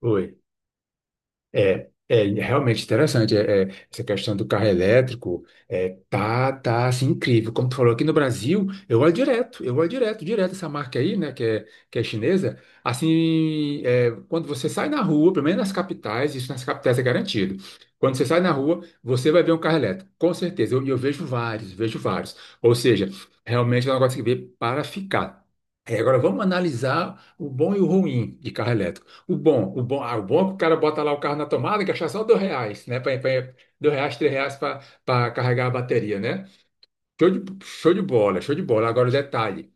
Oi. É realmente interessante essa questão do carro elétrico. Tá assim incrível. Como tu falou, aqui no Brasil, eu olho direto, direto essa marca aí, né, que é chinesa. Assim, é, quando você sai na rua, pelo menos nas capitais, isso nas capitais é garantido. Quando você sai na rua, você vai ver um carro elétrico, com certeza. E eu vejo vários, vejo vários. Ou seja, realmente é um negócio que veio para ficar. É, agora vamos analisar o bom e o ruim de carro elétrico. O bom é que o cara bota lá o carro na tomada e gasta só R$ 2, né? R$ 2, R$ 3 para carregar a bateria, né? Show de bola, show de bola. Agora o detalhe,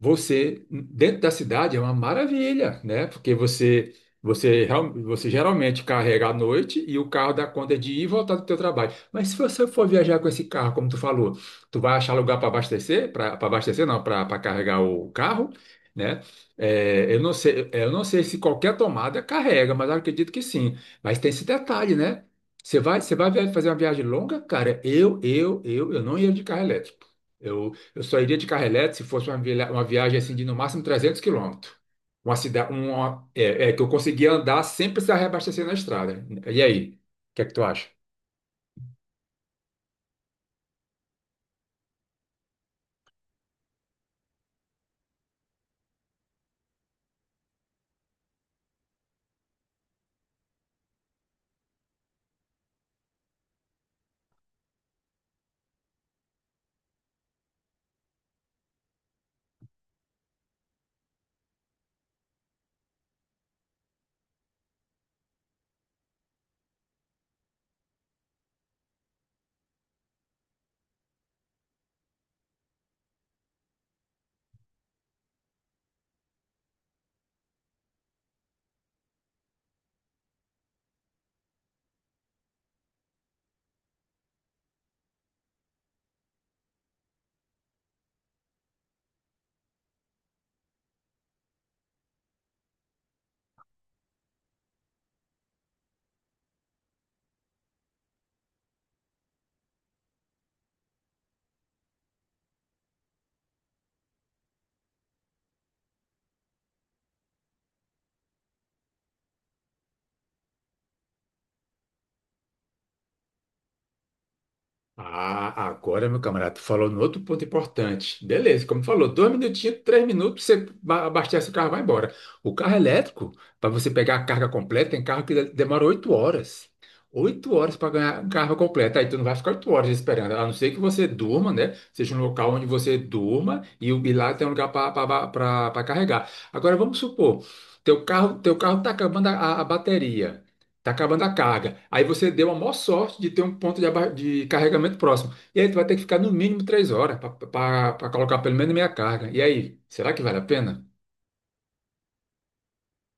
você dentro da cidade é uma maravilha, né? Porque você geralmente carrega à noite e o carro dá conta de ir e voltar do teu trabalho. Mas se você for viajar com esse carro, como tu falou, tu vai achar lugar para abastecer não, para carregar o carro, né? É, eu não sei se qualquer tomada carrega, mas eu acredito que sim. Mas tem esse detalhe, né? Você vai fazer uma viagem longa, cara. Eu não ia de carro elétrico, eu só iria de carrelete se fosse uma viagem assim de no máximo 300 quilômetros. Uma cidade, uma, é, é, que eu conseguia andar sem precisar reabastecer na estrada. E aí, o que é que tu acha? Ah, agora, meu camarada, tu falou no outro ponto importante. Beleza, como tu falou, 2 minutinhos, 3 minutos, você abastece o carro e vai embora. O carro elétrico, para você pegar a carga completa, tem carro que demora 8 horas. 8 horas para ganhar a carga completa. Aí tu não vai ficar 8 horas esperando, a não ser que você durma, né? Seja um local onde você durma e e lá tem um lugar para carregar. Agora, vamos supor, teu carro tá acabando a bateria. Tá acabando a carga. Aí você deu a maior sorte de ter um ponto de carregamento próximo. E aí tu vai ter que ficar no mínimo 3 horas para colocar pelo menos meia carga. E aí, será que vale a pena?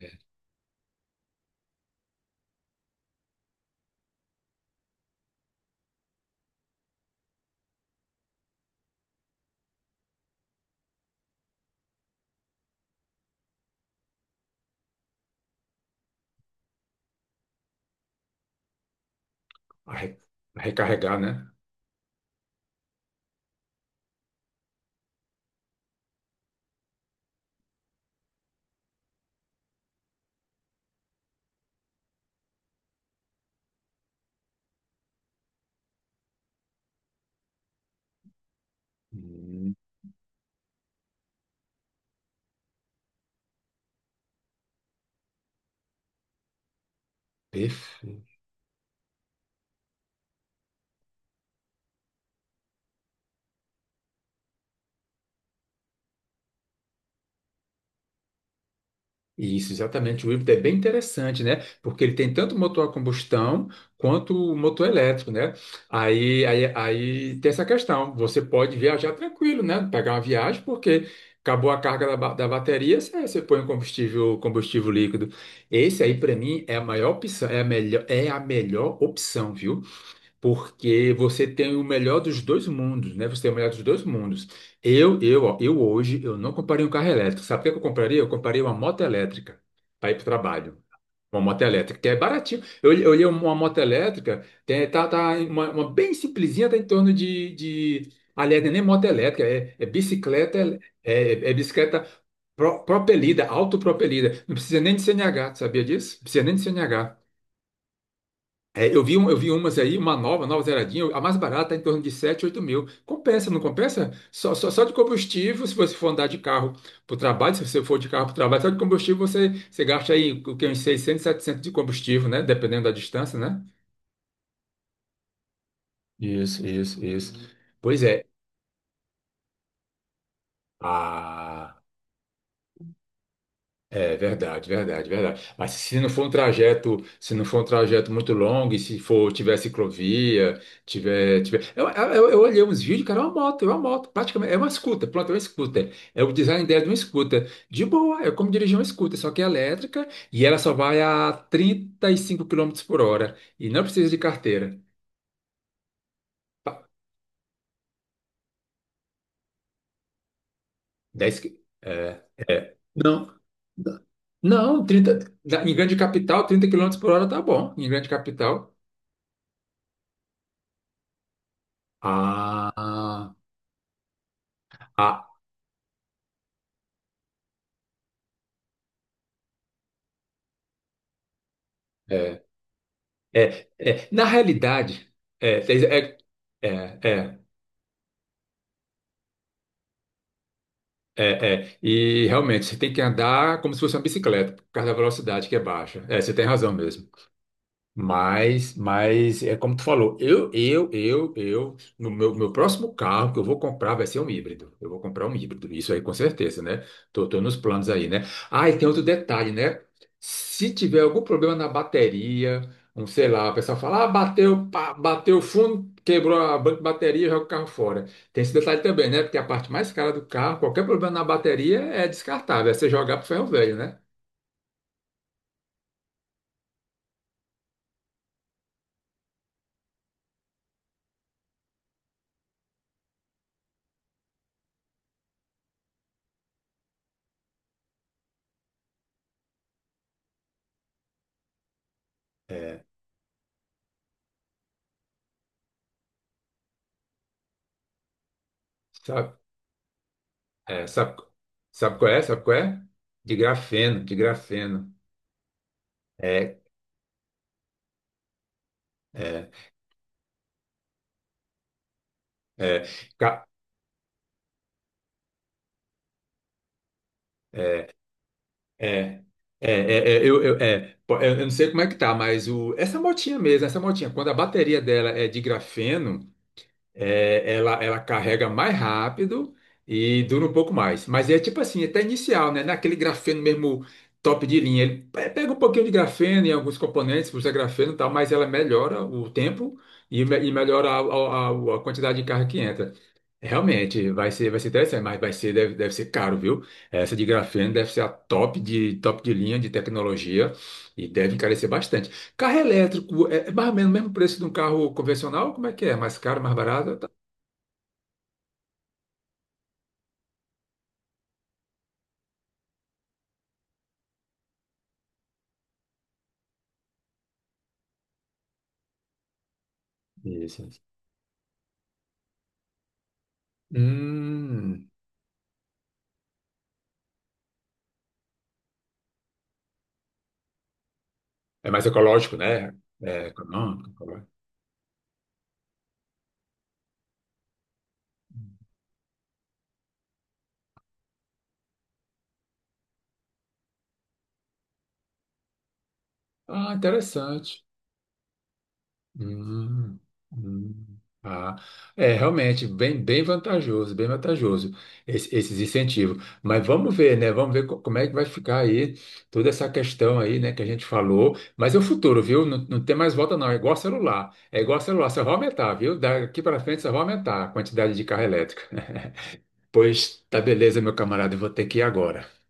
É. Arre- Recarregar, né? Hum. Perfeito. Isso, exatamente. O híbrido é bem interessante, né? Porque ele tem tanto motor a combustão quanto o motor elétrico, né? Aí tem essa questão. Você pode viajar tranquilo, né? Pegar uma viagem, porque acabou a carga da bateria, você põe o combustível, combustível líquido. Esse aí, para mim, é a maior opção, é a melhor opção, viu? Porque você tem o melhor dos dois mundos, né? Você tem o melhor dos dois mundos. Eu hoje, eu não compraria um carro elétrico. Sabe o que eu compraria? Eu compraria uma moto elétrica para ir para o trabalho. Uma moto elétrica, que é baratinho. Eu olhei uma moto elétrica, tá uma bem simplesinha, tá em torno de... Aliás, não é nem moto elétrica, é bicicleta, é bicicleta, propelida, autopropelida. Não precisa nem de CNH, tu sabia disso? Não precisa nem de CNH. É, eu vi umas aí, uma nova, nova zeradinha, a mais barata, tá em torno de 7 8 mil. Compensa, não compensa? Só de combustível, se você for andar de carro para o trabalho, se você for de carro para o trabalho, só de combustível você gasta aí o que, uns 600, 700 de combustível, né? Dependendo da distância, né? Isso, isso, isso. Pois é. Ah. É verdade, verdade, verdade. Mas se não for um trajeto muito longo, e se for, tiver ciclovia, tiver... Eu olhei uns vídeos, cara, é uma moto, praticamente, pronto, é uma scooter. É o design dela de uma scooter. De boa, é como dirigir uma scooter, só que é elétrica, e ela só vai a 35 quilômetros por hora e não precisa de carteira. Pa- 10... qui- Não, não, 30. Em grande capital, 30 quilômetros por hora tá bom, em grande capital. Ah, ah. é, é. Na realidade, é, é, é, é, é. É. E realmente, você tem que andar como se fosse uma bicicleta, por causa da velocidade que é baixa. É, você tem razão mesmo. Mas é como tu falou, eu, no meu, meu próximo carro que eu vou comprar vai ser um híbrido. Eu vou comprar um híbrido, isso aí com certeza, né? Tô nos planos aí, né? Ah, e tem outro detalhe, né? Se tiver algum problema na bateria, um, sei lá, o pessoal fala, ah, bateu, pá, bateu o fundo, quebrou a banca de bateria, joga o carro fora. Tem esse detalhe também, né? Porque a parte mais cara do carro, qualquer problema na bateria é descartável, é você jogar pro ferro velho, né? É. Sabe? É, sabe, sabe qual é? Sabe qual é? De grafeno. É, é, é, ca- é, eu não sei como é que tá, mas essa motinha mesmo, essa motinha, quando a bateria dela é de grafeno, é, ela carrega mais rápido e dura um pouco mais. Mas é tipo assim, é até inicial, né? Naquele grafeno mesmo, top de linha. Ele pega um pouquinho de grafeno em alguns componentes, usa grafeno e tal, mas ela melhora o tempo e melhora a quantidade de carga que entra. Realmente, vai ser interessante, mas vai ser, deve ser caro, viu? Essa de grafeno deve ser a top de linha de tecnologia e deve encarecer bastante. Carro elétrico é mais ou menos o mesmo preço de um carro convencional? Como é que é? É mais caro, mais barato? Tá. Isso, isso. Hum, é mais ecológico, né? É econômico, ecológico. Ah, interessante. Hum, hum, ah, é realmente bem vantajoso esses incentivos. Mas vamos ver, né? Como é que vai ficar aí toda essa questão aí, né, que a gente falou. Mas é o futuro, viu? Não, não tem mais volta, não. É igual celular. É igual celular, só vai aumentar, viu? Daqui para frente só vai aumentar a quantidade de carro elétrico. Pois tá, beleza, meu camarada, eu vou ter que ir agora.